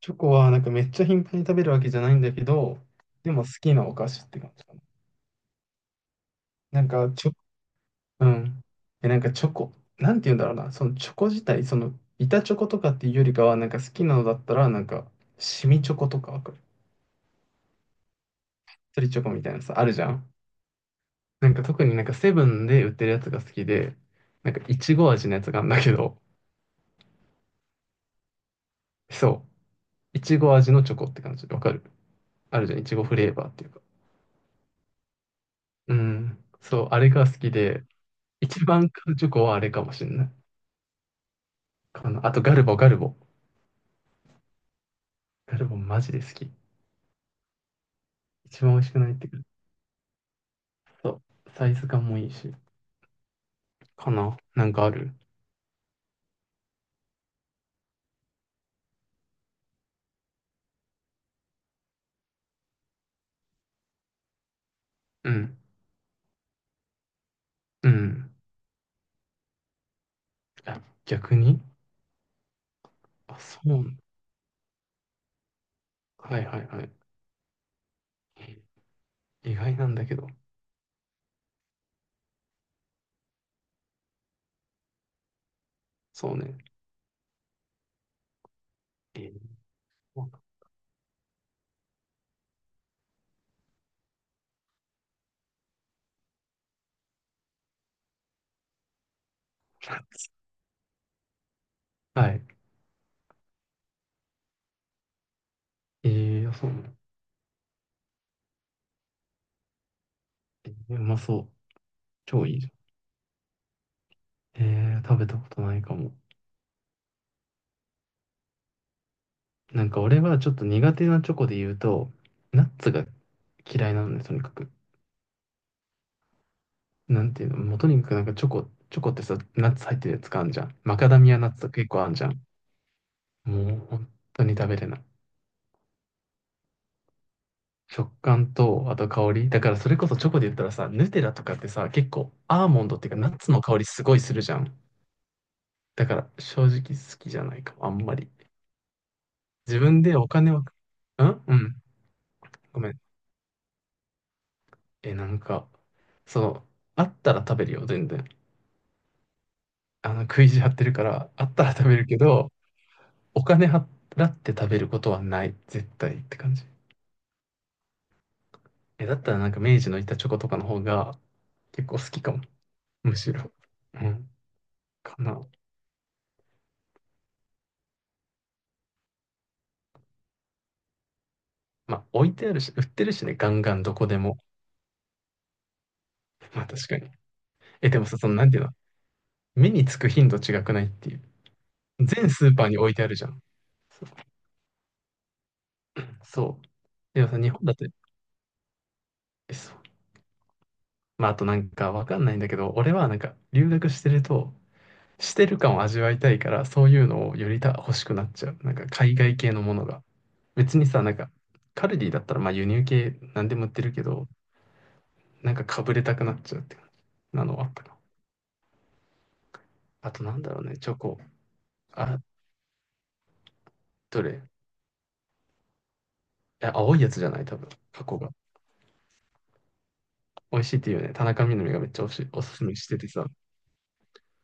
チョコはなんかめっちゃ頻繁に食べるわけじゃないんだけど、でも好きなお菓子って感じかな。なんかチョ、うん。え、なんかチョコ、なんて言うんだろうな、そのチョコ自体、その板チョコとかっていうよりかは、なんか好きなのだったら、なんか、シミチョコとかわかる？スリチョコみたいなさ、あるじゃん。なんか特になんかセブンで売ってるやつが好きで、なんかいちご味のやつがあるんだけど、そう、いちご味のチョコって感じでわかる？あるじゃん、いちごフレーバーっていうか。うん、そう、あれが好きで、一番買うチョコはあれかもしれないかな。あとガルボ、ガルボ。ガルボマジで好き。一番美味しくないってくる。そう。サイズ感もいいし、かな。なんかある？うん。うん。あ、逆に。あ、そうなんだ。はいはいはい。意外なんだけど。そうね。えー、はい。そうなの。うまそう。超いいじゃん。食べたことないかも。なんか俺はちょっと苦手なチョコで言うと、ナッツが嫌いなのね、とにかく。なんていうの、もうとにかくなんかチョコ、チョコってさ、ナッツ入ってるやつかあんじゃん。マカダミアナッツとか結構あんじゃん。もう本当に食べれない。食感と、あと香り。だからそれこそチョコで言ったらさ、ヌテラとかってさ、結構アーモンドっていうかナッツの香りすごいするじゃん。だから正直好きじゃないかも、あんまり。自分でお金を、ん、うん。ごめん。え、なんか、その、あったら食べるよ、全然。あの、食い意地張ってるから、あったら食べるけど、お金払って食べることはない、絶対って感じ。え、だったらなんか明治の板チョコとかの方が結構好きかも、むしろ。うん、かな。まあ置いてあるし、売ってるしね、ガンガンどこでも。まあ確かに。え、でもさ、そのなんていうの、目につく頻度違くないっていう。全スーパーに置いてあるじゃん。そう。そう、でもさ、日本だって、え、そう。まああとなんかわかんないんだけど、俺はなんか留学してると、してる感を味わいたいから、そういうのをよりた欲しくなっちゃう。なんか海外系のものが。別にさ、なんか、カルディだったらまあ輸入系何でも売ってるけど、なんかかぶれたくなっちゃうって感じなのはあったかな。あとなんだろうね、チョコ。あ、どれ、いや、青いやつじゃない、多分、過去が。美味しいっていうね、田中みな実がめっちゃおすすめしててさ。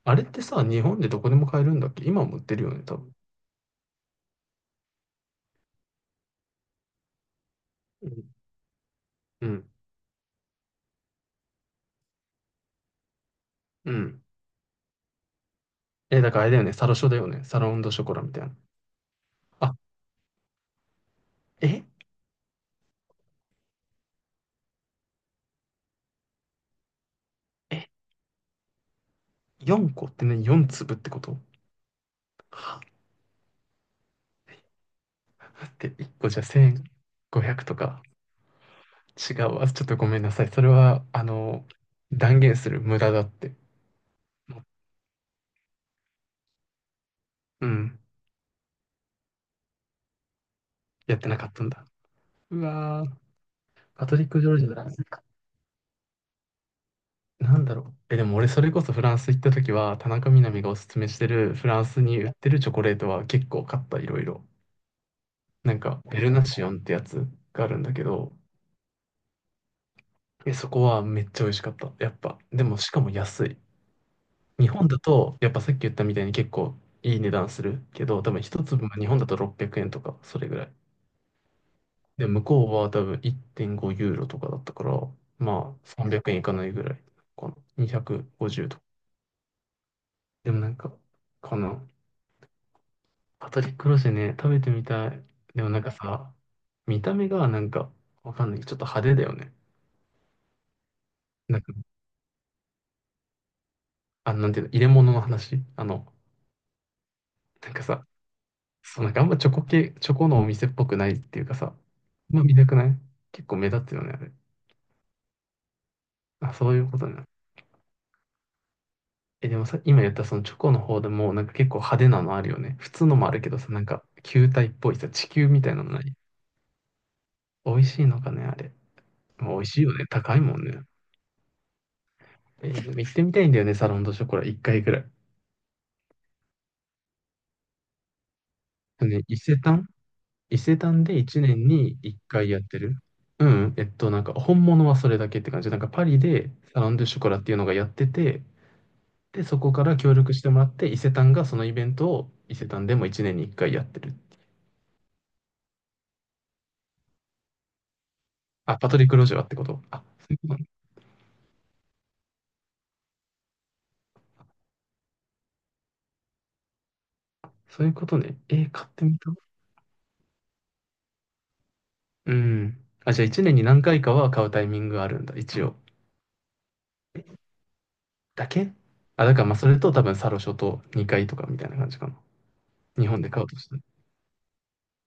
あれってさ、日本でどこでも買えるんだっけ？今も売ってるよね、多分。うん。うん。うん。え、だからあれだよね、サロショだよね。サロンドショコラみたいな。あ、ええ4個ってね、4粒ってこと？はだって、1個じゃ1500とか。違うわ。ちょっとごめんなさい。それは、あの、断言する無駄だって。うん。やってなかったんだ。うわー。パトリック・ジョージだ。なんだろう。え、でも俺それこそフランス行った時は、田中みな実がおすすめしてるフランスに売ってるチョコレートは結構買った、いろいろ。なんか、ベルナシオンってやつがあるんだけど、え、そこはめっちゃ美味しかった。やっぱ。でも、しかも安い。日本だと、やっぱさっき言ったみたいに結構いい値段するけど、多分1粒が日本だと600円とか、それぐらい。で、向こうは多分1.5ユーロとかだったから、まあ300円いかないぐらいかな。250とか。でもなんか、このパトリック・ロシェね、食べてみたい。でもなんかさ、見た目がなんか、わかんない。ちょっと派手だよね。なんか、あ、なんていうの、入れ物の話。あの、なんかさ、そう、なんかあんまチョコ系、チョコのお店っぽくないっていうかさ、まあ見たくない、結構目立つよね、あれ。あ、そういうことね。え、でもさ、今言ったそのチョコの方でも、なんか結構派手なのあるよね。普通のもあるけどさ、なんか球体っぽいさ、地球みたいなのない？美味しいのかね、あれ。まあ美味しいよね。高いもんね。でも行ってみたいんだよね、サロンドショコラ、一回ぐらい。ね、伊勢丹で1年に1回やってる。うん、なんか本物はそれだけって感じ。なんかパリでサロンドショコラっていうのがやってて、で、そこから協力してもらって、伊勢丹がそのイベントを伊勢丹でも1年に1回やってる。あ、パトリック・ロジャーってこと？あ、そういうことね。そういうことね。買ってみた。うん。あ、じゃあ1年に何回かは買うタイミングがあるんだ、一応。え、だけ、あ、だからまあそれと多分サロショと2回とかみたいな感じかな。日本で買うとしたら。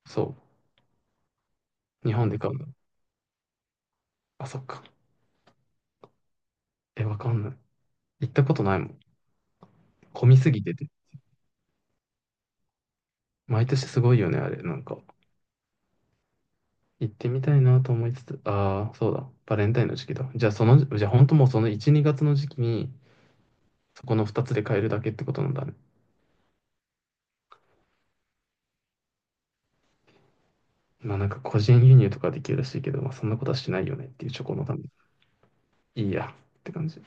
そう。日本で買うんだ。あ、そっか。え、わかんない。行ったことないもん。混みすぎてて。毎年すごいよね、あれ。なんか。行ってみたいなと思いつつ、ああ、そうだ、バレンタインの時期だ。じゃあ、その、じゃあ、本当もうその1、2月の時期に、そこの2つで買えるだけってことなんだね。まあ、なんか個人輸入とかできるらしいけど、まあ、そんなことはしないよねっていう、チョコのために。いいや、って感じ。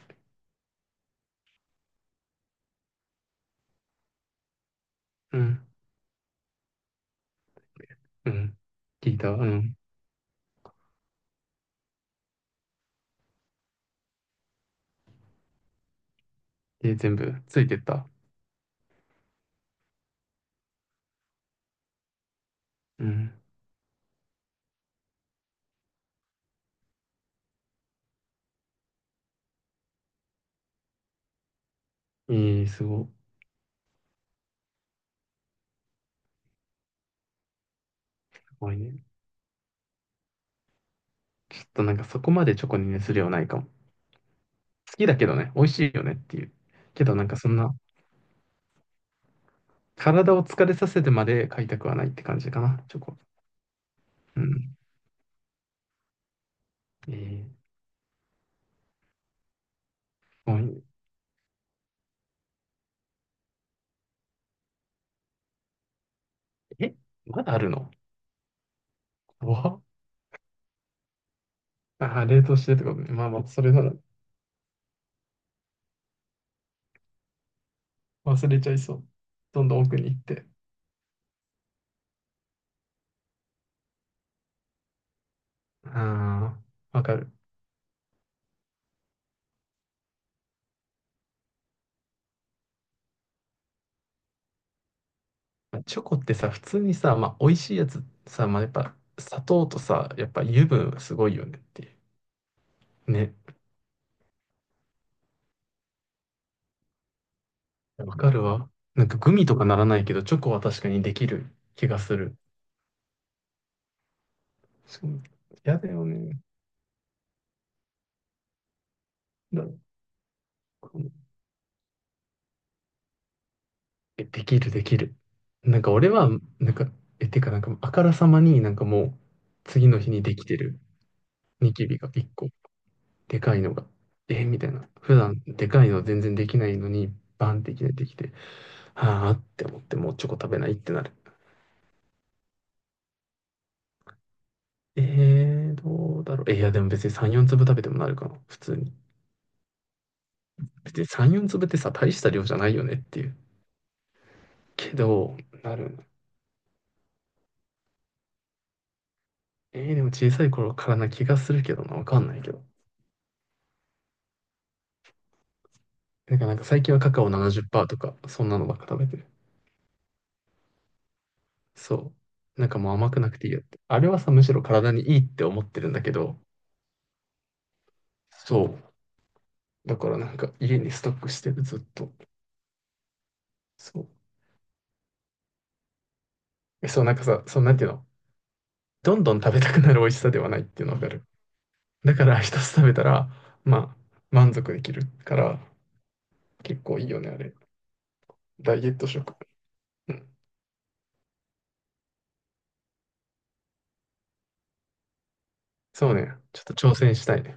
うん、うん。聞いた、うん。全部ついてった。うん。ええ、すごい。すごいね。ちょっとなんかそこまでチョコに熱量ないかも。好きだけどね、美味しいよねっていう。けどなんかそんな、体を疲れさせてまで買いたくはないって感じかな、チョコ。うん。えー、もうえ、まだあるの？怖っ。あー、冷凍してってことね。まあまあ、それなら忘れちゃいそう。どんどん奥に行って。ああ、わかる。まあチョコってさ、普通にさ、まあ、美味しいやつさ、まあ、やっぱ砂糖とさ、やっぱ油分すごいよねっていう。ね、わかるわ。なんかグミとかならないけど、チョコは確かにできる気がする。そう。嫌だよね。だ、え、できる、できる。なんか俺は、なんか、え、てかなんか、あからさまになんかもう、次の日にできてる、ニキビが1個、でかいのが。え、みたいな。普段、でかいの全然できないのに、バンっていきなりできて、はあって思って、もうチョコ食べないってなる。どうだろう。え、いや、でも別に3、4粒食べてもなるかな、普通に。別に3、4粒ってさ、大した量じゃないよねっていう。けど、なる。でも小さい頃からな気がするけどな、わかんないけど。なんか、なんか最近はカカオ70%とか、そんなのばっか食べてる。そう。なんかもう甘くなくていいよって。あれはさ、むしろ体にいいって思ってるんだけど、そう。だからなんか家にストックしてる、ずっと。そう。え、そう、なんかさ、そう、なんていうの、どんどん食べたくなる美味しさではないっていうのわかる。だから一つ食べたら、まあ、満足できるから、結構いいよね、あれ。ダイエット食。うん。そうね。ちょっと挑戦したいね。